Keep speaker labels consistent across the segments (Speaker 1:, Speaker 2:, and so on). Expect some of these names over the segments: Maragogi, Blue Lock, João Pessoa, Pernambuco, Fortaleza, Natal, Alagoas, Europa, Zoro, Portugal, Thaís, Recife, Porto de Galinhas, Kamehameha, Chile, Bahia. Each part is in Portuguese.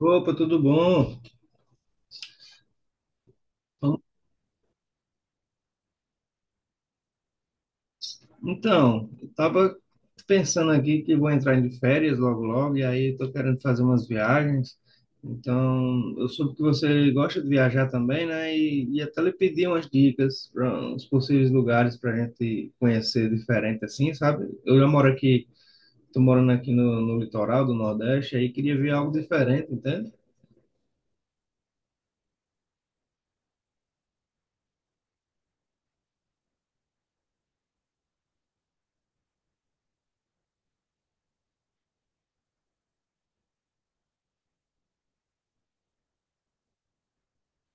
Speaker 1: Opa, tudo bom? Então, eu tava pensando aqui que vou entrar de férias logo logo, e aí eu tô querendo fazer umas viagens. Então, eu soube que você gosta de viajar também, né? E até lhe pedi umas dicas para uns possíveis lugares para a gente conhecer diferente assim, sabe? Eu já moro aqui, tô morando aqui no litoral do Nordeste, aí queria ver algo diferente, entende?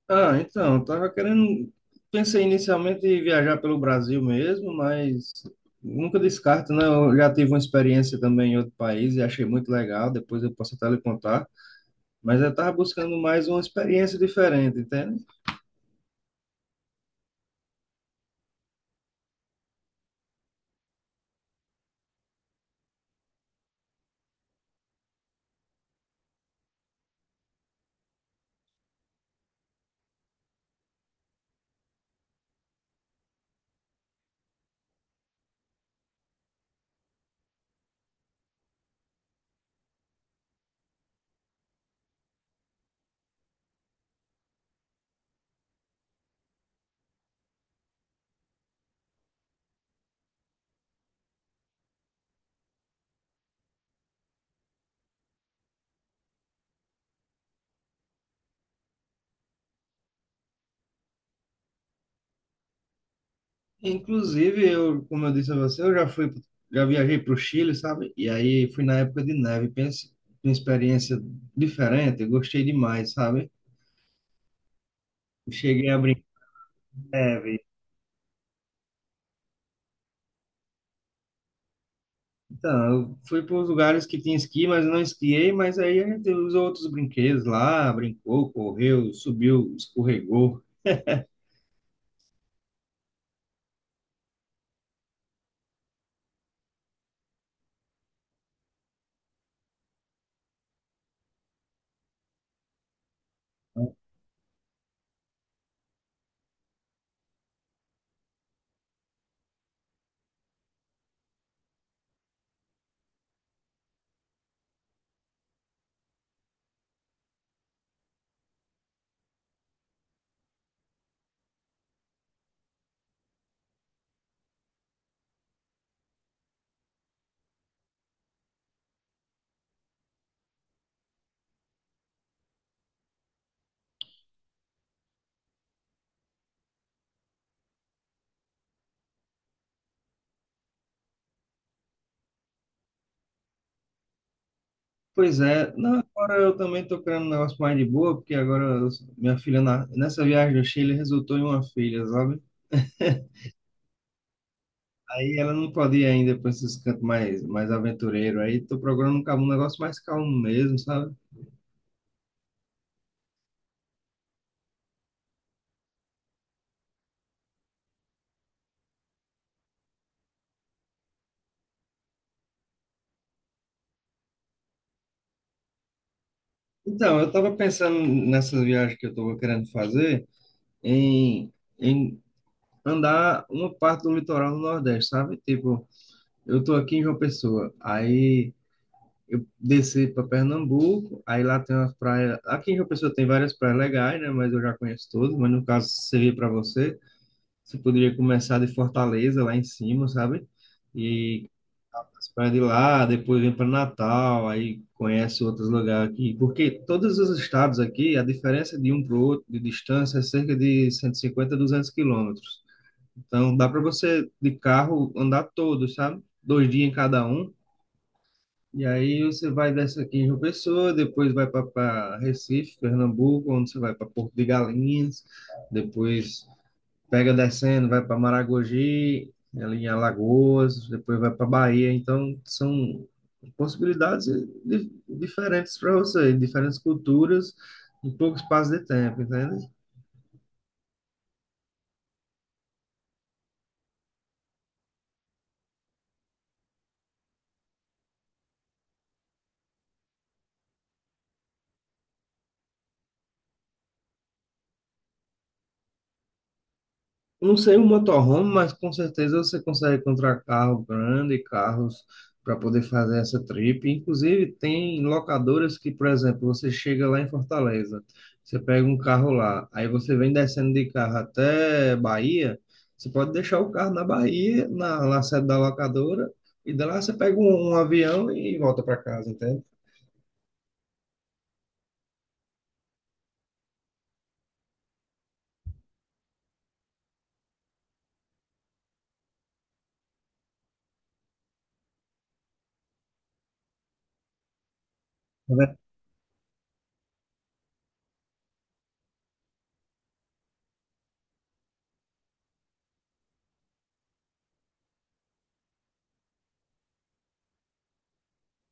Speaker 1: Ah, então, eu tava querendo. Pensei inicialmente em viajar pelo Brasil mesmo, mas nunca descarto, né? Eu já tive uma experiência também em outro país e achei muito legal, depois eu posso até lhe contar. Mas eu tava buscando mais uma experiência diferente, entende? Inclusive, eu, como eu disse a você, eu já fui, já viajei para o Chile, sabe? E aí fui na época de neve, pense, uma experiência diferente, eu gostei demais, sabe? Cheguei a brincar de neve. Então, eu fui para os lugares que tinha esqui, mas eu não esquiei, mas aí a gente usou outros brinquedos lá, brincou, correu, subiu, escorregou, né? Pois é, não, agora eu também tô querendo um negócio mais de boa, porque minha filha, nessa viagem ao Chile, resultou em uma filha, sabe? Aí ela não pode ir ainda para esses cantos mais, mais aventureiro. Aí tô procurando um negócio mais calmo mesmo, sabe? Então, eu tava pensando nessa viagem que eu tava querendo fazer em, em andar uma parte do litoral do Nordeste, sabe? Tipo, eu tô aqui em João Pessoa, aí eu desci para Pernambuco, aí lá tem umas praias. Aqui em João Pessoa tem várias praias legais, né? Mas eu já conheço todas, mas no caso se servir para você, você poderia começar de Fortaleza, lá em cima, sabe? E as praias de lá, depois vem para Natal, aí conhece outros lugares aqui, porque todos os estados aqui, a diferença de um para o outro de distância é cerca de 150, 200 quilômetros. Então dá para você de carro andar todos, sabe? Dois dias em cada um. E aí você vai dessa aqui em João Pessoa, depois vai para Recife, Pernambuco, onde você vai para Porto de Galinhas, depois pega descendo, vai para Maragogi, ali em Alagoas, depois vai para Bahia. Então são possibilidades diferentes para você, diferentes culturas em pouco espaço de tempo, entende? Não sei o motorhome, mas com certeza você consegue encontrar carro grande, carros para poder fazer essa trip. Inclusive, tem locadoras que, por exemplo, você chega lá em Fortaleza, você pega um carro lá, aí você vem descendo de carro até Bahia, você pode deixar o carro na Bahia, na sede da locadora, e de lá você pega um avião e volta para casa, entende?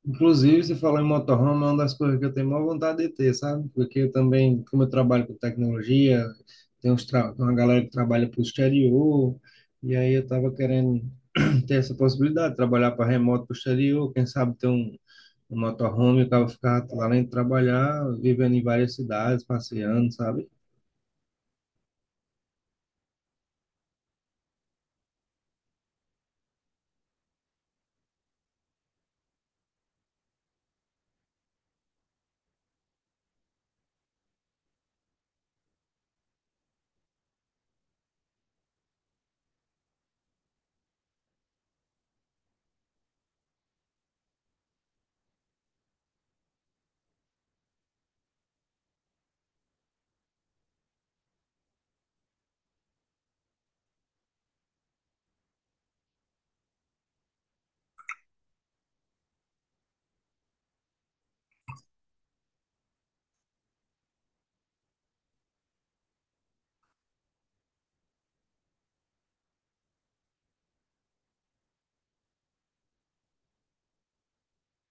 Speaker 1: Inclusive, você falou em motorhome, é uma das coisas que eu tenho maior vontade de ter, sabe? Porque eu também, como eu trabalho com tecnologia, tem uma galera que trabalha para o exterior, e aí eu estava querendo ter essa possibilidade de trabalhar para remoto para o exterior, quem sabe ter um motorhome, eu tava ficar lá dentro trabalhar, vivendo em várias cidades, passeando, sabe?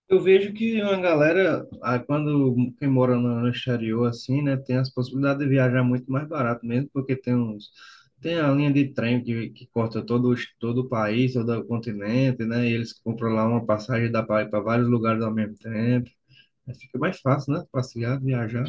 Speaker 1: Eu vejo que uma galera, ah, quando quem mora no exterior, assim, né, tem as possibilidades de viajar muito mais barato mesmo, porque tem uns, tem a linha de trem que corta todo, todo o país, todo o continente, né, e eles compram lá uma passagem da para ir para vários lugares ao mesmo tempo. Aí fica mais fácil, né, passear, viajar.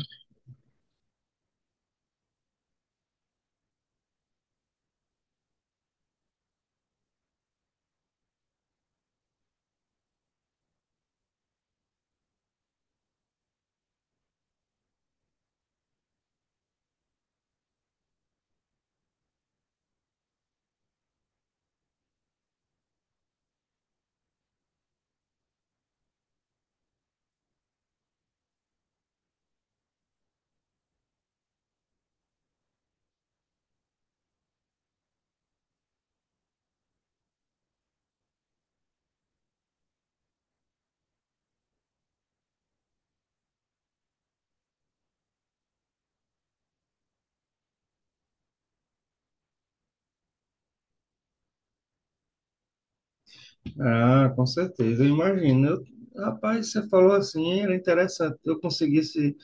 Speaker 1: Ah, com certeza, eu imagino. Eu, rapaz, você falou assim, era interessante. Eu conseguisse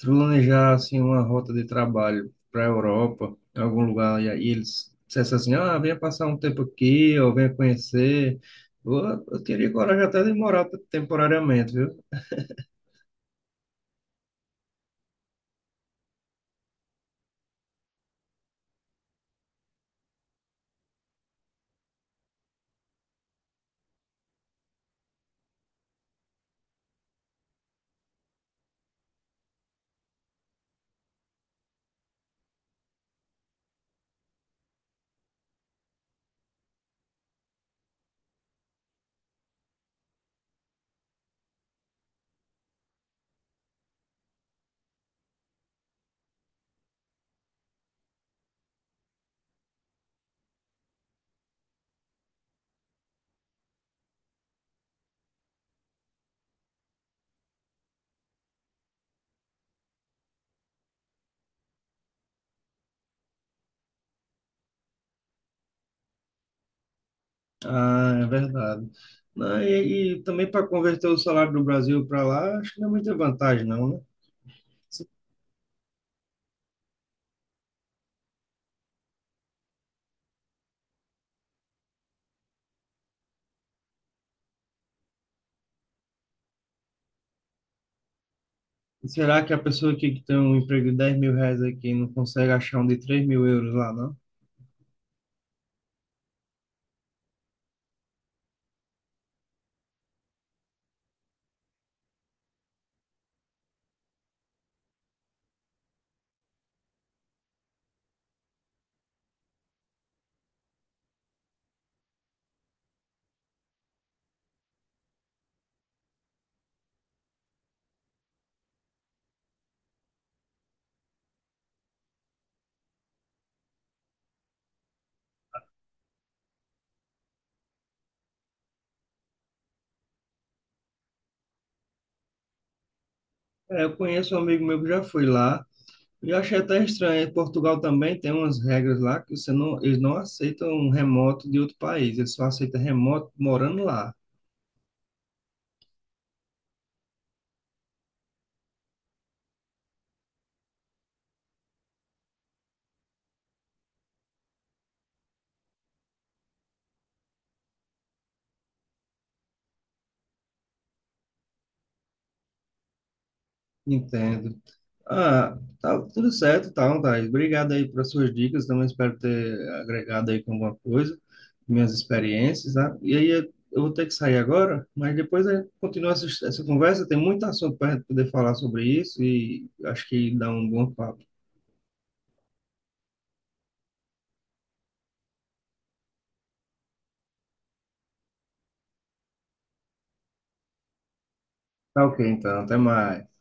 Speaker 1: planejar assim uma rota de trabalho para a Europa, em algum lugar, e aí eles dissessem assim, ah, venha passar um tempo aqui, ou venha conhecer. Eu, eu teria coragem até de morar temporariamente, viu? Ah, é verdade. Não, e também para converter o salário do Brasil para lá, acho que não é muita vantagem, não, né? Se- Será que a pessoa que tem um emprego de 10 mil reais aqui não consegue achar um de 3 mil euros lá, não? É, eu conheço um amigo meu que já foi lá, e eu achei até estranho. Em Portugal também tem umas regras lá que você não, eles não aceitam um remoto de outro país, eles só aceitam remoto morando lá. Entendo. Ah, tá tudo certo, tá, Thaís. Obrigado aí pelas suas dicas. Também espero ter agregado aí com alguma coisa, minhas experiências, tá? E aí eu vou ter que sair agora, mas depois a gente continua essa conversa. Tem muito assunto para a gente poder falar sobre isso e acho que dá um bom papo. Tá ok, então. Até mais.